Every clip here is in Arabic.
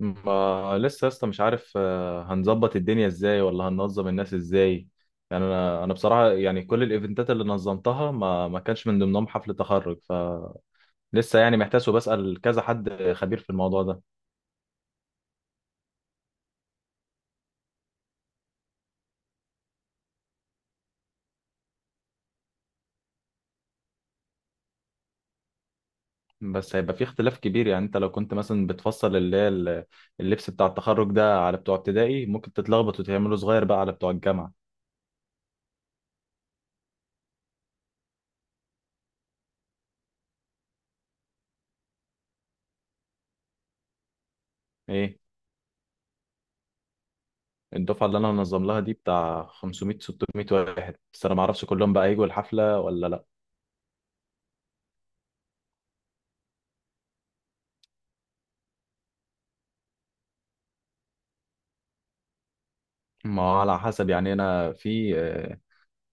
ما لسه لسه مش عارف. هنظبط الدنيا ازاي ولا هننظم الناس ازاي؟ يعني انا بصراحه، يعني كل الايفنتات اللي نظمتها ما كانش من ضمنهم حفل تخرج، فلسه يعني محتاس وبسال كذا حد خبير في الموضوع ده. بس هيبقى في اختلاف كبير، يعني انت لو كنت مثلا بتفصل اللبس بتاع التخرج ده على بتوع ابتدائي ممكن تتلخبط وتعمله صغير بقى على بتوع الجامعه. ايه الدفعه اللي انا هنظم لها دي بتاع 500 600 واحد، بس انا ما اعرفش كلهم بقى هيجوا الحفله ولا لا. ما هو على حسب، يعني انا في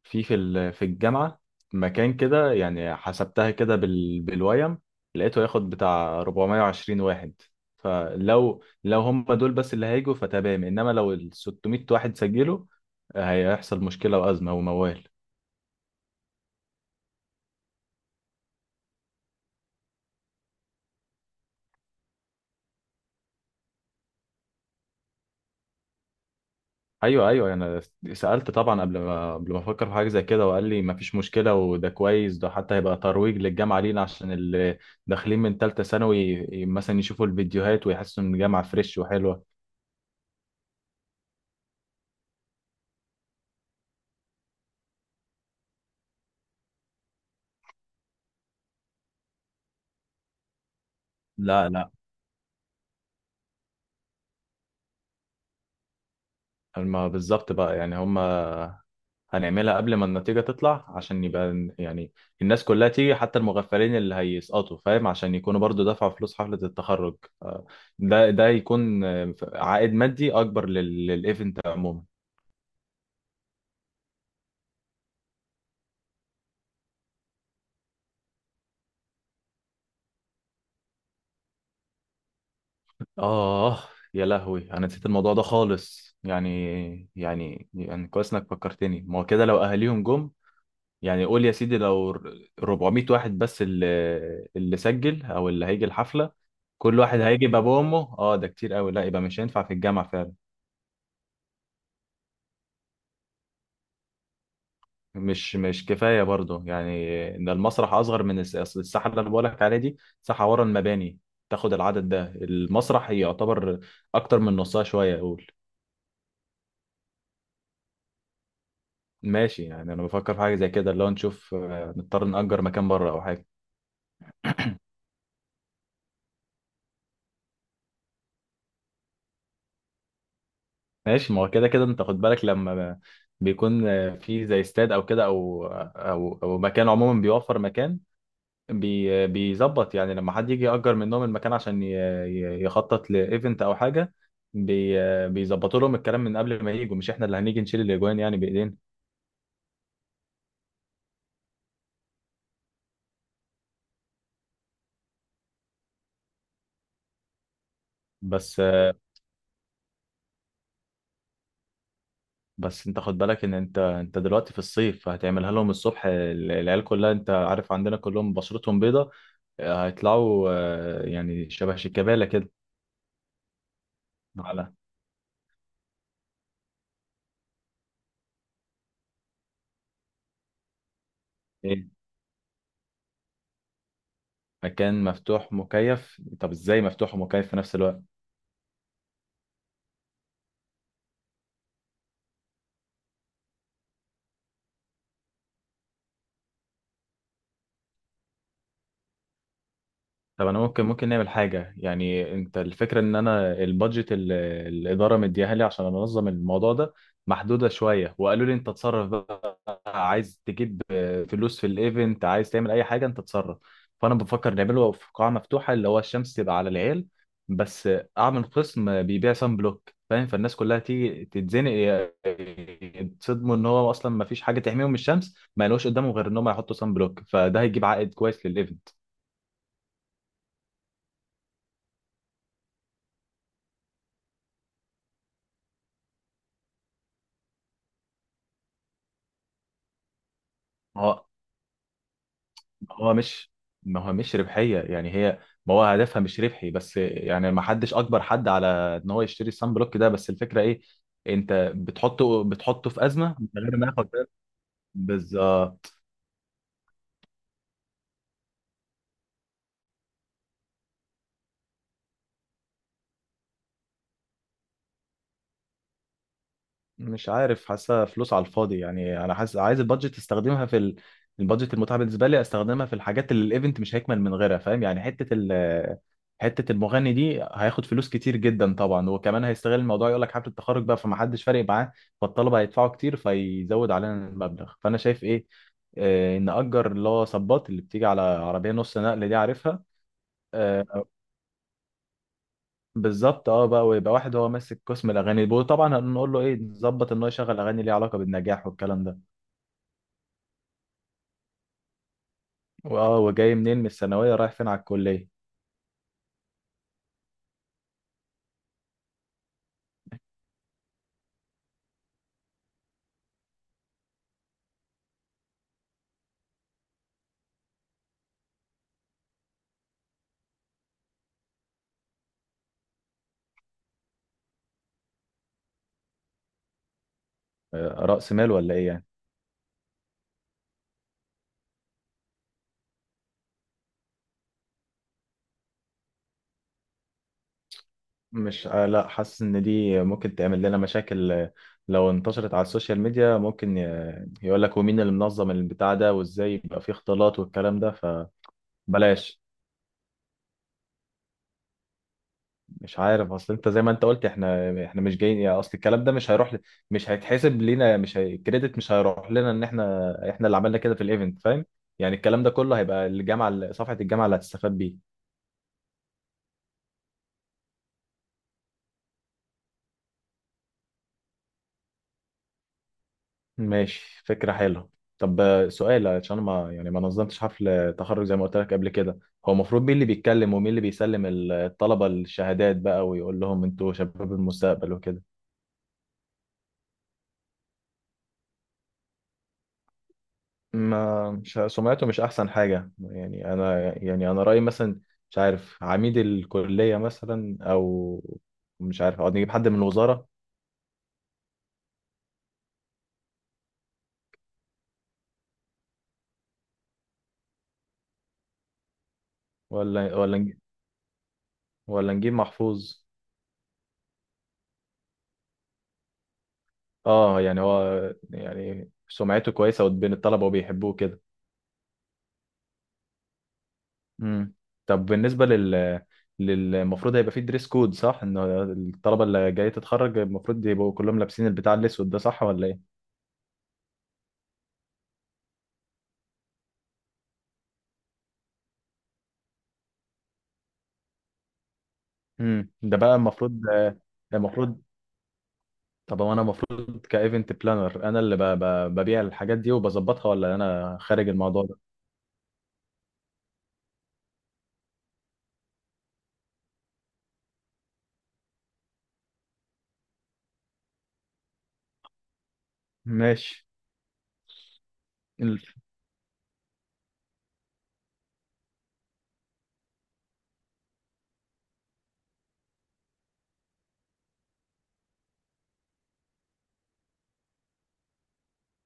في في ال- في الجامعه مكان كده، يعني حسبتها كده بالويم لقيته ياخد بتاع 420 واحد، فلو هم دول بس اللي هيجوا فتمام، انما لو ال 600 واحد سجلوا هيحصل مشكله وازمه وموال. ايوه ايوه، انا سالت طبعا قبل ما افكر في حاجه زي كده، وقال لي مفيش مشكله، وده كويس، ده حتى هيبقى ترويج للجامعه لينا، عشان اللي داخلين من ثالثه ثانوي مثلا يشوفوا الفيديوهات ويحسوا ان الجامعه فريش وحلوه. لا لا. ما بالظبط بقى، يعني هم هنعملها قبل ما النتيجه تطلع عشان يبقى يعني الناس كلها تيجي حتى المغفلين اللي هيسقطوا، فاهم، عشان يكونوا برضو دفعوا فلوس حفله التخرج. آه، ده يكون عائد مادي اكبر للايفنت عموما. آه، يا لهوي أنا نسيت الموضوع ده خالص، يعني يعني كويس إنك فكرتني، ما هو كده لو أهاليهم جم يعني، قول يا سيدي لو 400 واحد بس اللي سجل أو اللي هيجي الحفلة. كل واحد هيجي بأبوه وأمه، آه ده كتير أوي، لا، يبقى مش هينفع في الجامع فعلا. مش كفاية برضه، يعني إن المسرح أصغر من أصل الساحة اللي أنا بقولك عليها دي ساحة ورا المباني تاخد العدد ده، المسرح يعتبر أكتر من نصها شوية أقول. ماشي، يعني انا بفكر في حاجه زي كده، اللي هو نشوف نضطر نأجر مكان بره او حاجه. ماشي، ما هو كده كده انت خد بالك لما بيكون في زي استاد او كده او مكان عموما بيوفر مكان، بيظبط، يعني لما حد يجي يأجر منهم المكان عشان يخطط لايفنت او حاجه، بي آه، بيظبطوا لهم الكلام من قبل ما يجوا، مش احنا اللي هنيجي نشيل الاجوان يعني بايدينا. بس بس انت خد بالك ان انت دلوقتي في الصيف هتعملها لهم الصبح، العيال كلها انت عارف عندنا كلهم بشرتهم بيضة، هيطلعوا يعني شبه شيكابالا كده. على ايه؟ مكان مفتوح مكيف؟ طب ازاي مفتوح ومكيف في نفس الوقت؟ طب انا ممكن نعمل حاجة، يعني انت الفكرة ان انا البادجت الإدارة مديها لي عشان انظم الموضوع ده محدودة شوية، وقالوا لي انت تصرف، عايز تجيب فلوس في الايفنت، عايز تعمل اي حاجه انت تتصرف. فانا بفكر نعمله في قاعه مفتوحه اللي هو الشمس تبقى على العيال، بس اعمل قسم بيبيع سان بلوك، فاهم، فالناس كلها تيجي تتزنق، يتصدموا ان هو اصلا ما فيش حاجه تحميهم من الشمس، ما يلاقوش قدامهم غير ان هم يحطوا سان بلوك، فده هيجيب عائد كويس للايفنت. هو مش، ما هو مش ربحية يعني هي، ما هو هدفها مش ربحي، بس يعني ما حدش اجبر حد على ان هو يشتري الصن بلوك ده، بس الفكرة ايه، انت بتحطه في ازمة من غير ما ياخد بالك. بالظبط. مش عارف حاسه فلوس على الفاضي، يعني انا حاسس عايز البادجت استخدمها في ال... البادجت المتاحه بالنسبه لي استخدمها في الحاجات اللي الايفنت مش هيكمل من غيرها، فاهم، يعني حته ال... حته المغني دي هياخد فلوس كتير جدا طبعا، وكمان هيستغل الموضوع يقول لك حفله التخرج بقى، فمحدش فارق معاه، فالطلبه هيدفعوا كتير فيزود علينا المبلغ. فانا شايف ايه، نأجر اللي هو صباط اللي بتيجي على عربية نص نقل دي، عارفها. آه، بالظبط اه بقى، ويبقى واحد هو ماسك قسم الاغاني، وطبعا هنقول له ايه، نظبط ان هو يشغل اغاني ليها علاقه بالنجاح والكلام ده، واه، وجاي منين من الثانويه رايح فين على الكليه. راس مال ولا ايه يعني؟ مش آه لا حاسس ان دي ممكن تعمل لنا مشاكل، لو انتشرت على السوشيال ميديا ممكن يقول لك ومين اللي منظم البتاع ده، وازاي يبقى فيه اختلاط والكلام ده، فبلاش. مش عارف، اصل انت زي ما انت قلت احنا، مش جايين، يعني اصل الكلام ده مش هيروح ل... مش هيتحسب لينا، مش هي... الكريدت مش هيروح لنا ان احنا اللي عملنا كده في الايفنت، فاهم، يعني الكلام ده كله هيبقى الجامعه، صفحه الجامعه اللي هتستفاد بيه. ماشي، فكره حلوه. طب سؤال، عشان ما يعني ما نظمتش حفل تخرج زي ما قلت لك قبل كده، هو المفروض مين اللي بيتكلم ومين اللي بيسلم الطلبه الشهادات بقى ويقول لهم انتوا شباب المستقبل وكده؟ ما مش سمعته مش احسن حاجه، يعني انا رايي مثلا، مش عارف، عميد الكليه مثلا، او مش عارف، او نجيب حد من الوزاره. ولا نجيب ولا نجيب محفوظ. اه، يعني هو يعني سمعته كويسه بين الطلبه وبيحبوه كده. امم. طب بالنسبه للمفروض هيبقى فيه دريس كود صح، ان الطلبه اللي جايه تتخرج المفروض يبقوا كلهم لابسين البتاع الاسود ده صح ولا ايه؟ ده بقى المفروض. المفروض. طب هو انا المفروض كايفنت بلانر انا اللي ببيع الحاجات دي وبظبطها ولا انا خارج الموضوع ده؟ ماشي. ال-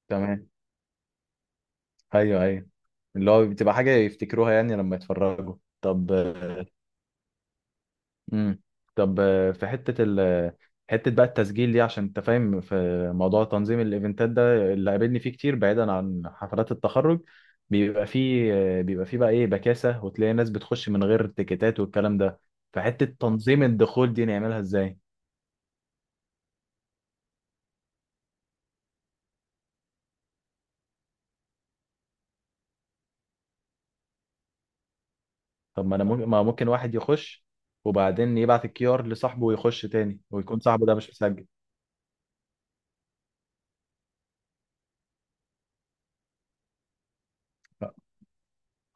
تمام. ايوه ايوه، اللي هو بتبقى حاجه يفتكروها يعني لما يتفرجوا. طب. امم. طب في حته بقى التسجيل دي عشان انت فاهم في موضوع تنظيم الايفنتات ده اللي قابلني فيه كتير بعيدا عن حفلات التخرج، بيبقى فيه بيبقى فيه بقى ايه، بكاسه، وتلاقي ناس بتخش من غير تيكيتات والكلام ده، فحته تنظيم الدخول دي نعملها ازاي؟ طب ما انا ممكن ما ممكن واحد يخش، وبعدين يبعت الكيو ار لصاحبه ويخش تاني، ويكون صاحبه ده مش مسجل.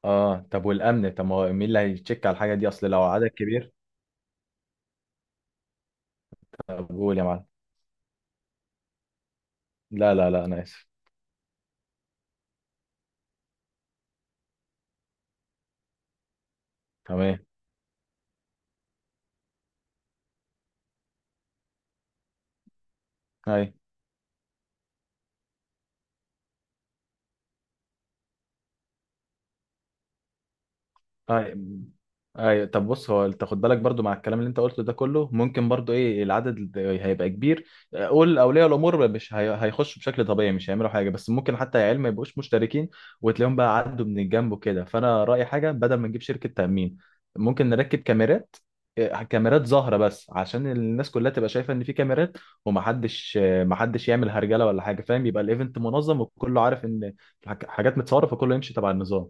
اه، طب والامن؟ طب ما هو مين اللي هيتشيك على الحاجه دي، اصل لو عدد كبير؟ طب قول يا معلم. لا لا لا، انا اسف. تمام. أيوة. ايوه ايوه. طب بص، هو انت خد بالك برضو مع الكلام اللي انت قلته ده كله، ممكن برضو ايه العدد هيبقى كبير، قول اولياء الامور، مش هي- هيخشوا بشكل طبيعي مش هيعملوا حاجه، بس ممكن حتى العيال ما يبقوش مشتركين وتلاقيهم بقى عدوا من الجنب وكده، فانا رايي حاجه بدل ما نجيب شركه تامين ممكن نركب كاميرات. إيه، كاميرات ظاهره بس عشان الناس كلها تبقى شايفه ان في كاميرات، ومحدش محدش يعمل هرجله ولا حاجه، فاهم، يبقى الايفنت منظم وكله عارف ان الحاجات متصوره فكله يمشي تبع النظام.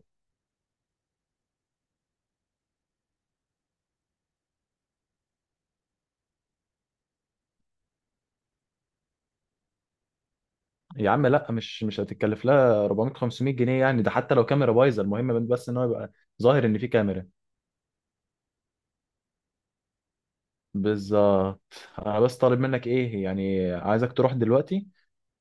يا عم لا، مش هتتكلف لها 400 500 جنيه يعني، ده حتى لو كاميرا بايظه، المهم بس ان هو يبقى ظاهر ان في كاميرا. بالظبط. انا بس طالب منك ايه، يعني عايزك تروح دلوقتي،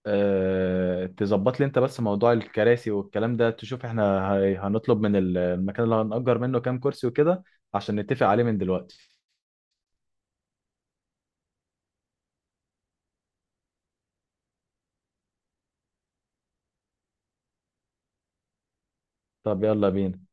أه... تظبط لي انت بس موضوع الكراسي والكلام ده، تشوف احنا هنطلب من المكان اللي هنأجر منه كام كرسي وكده عشان نتفق عليه من دلوقتي. طب يلا بينا.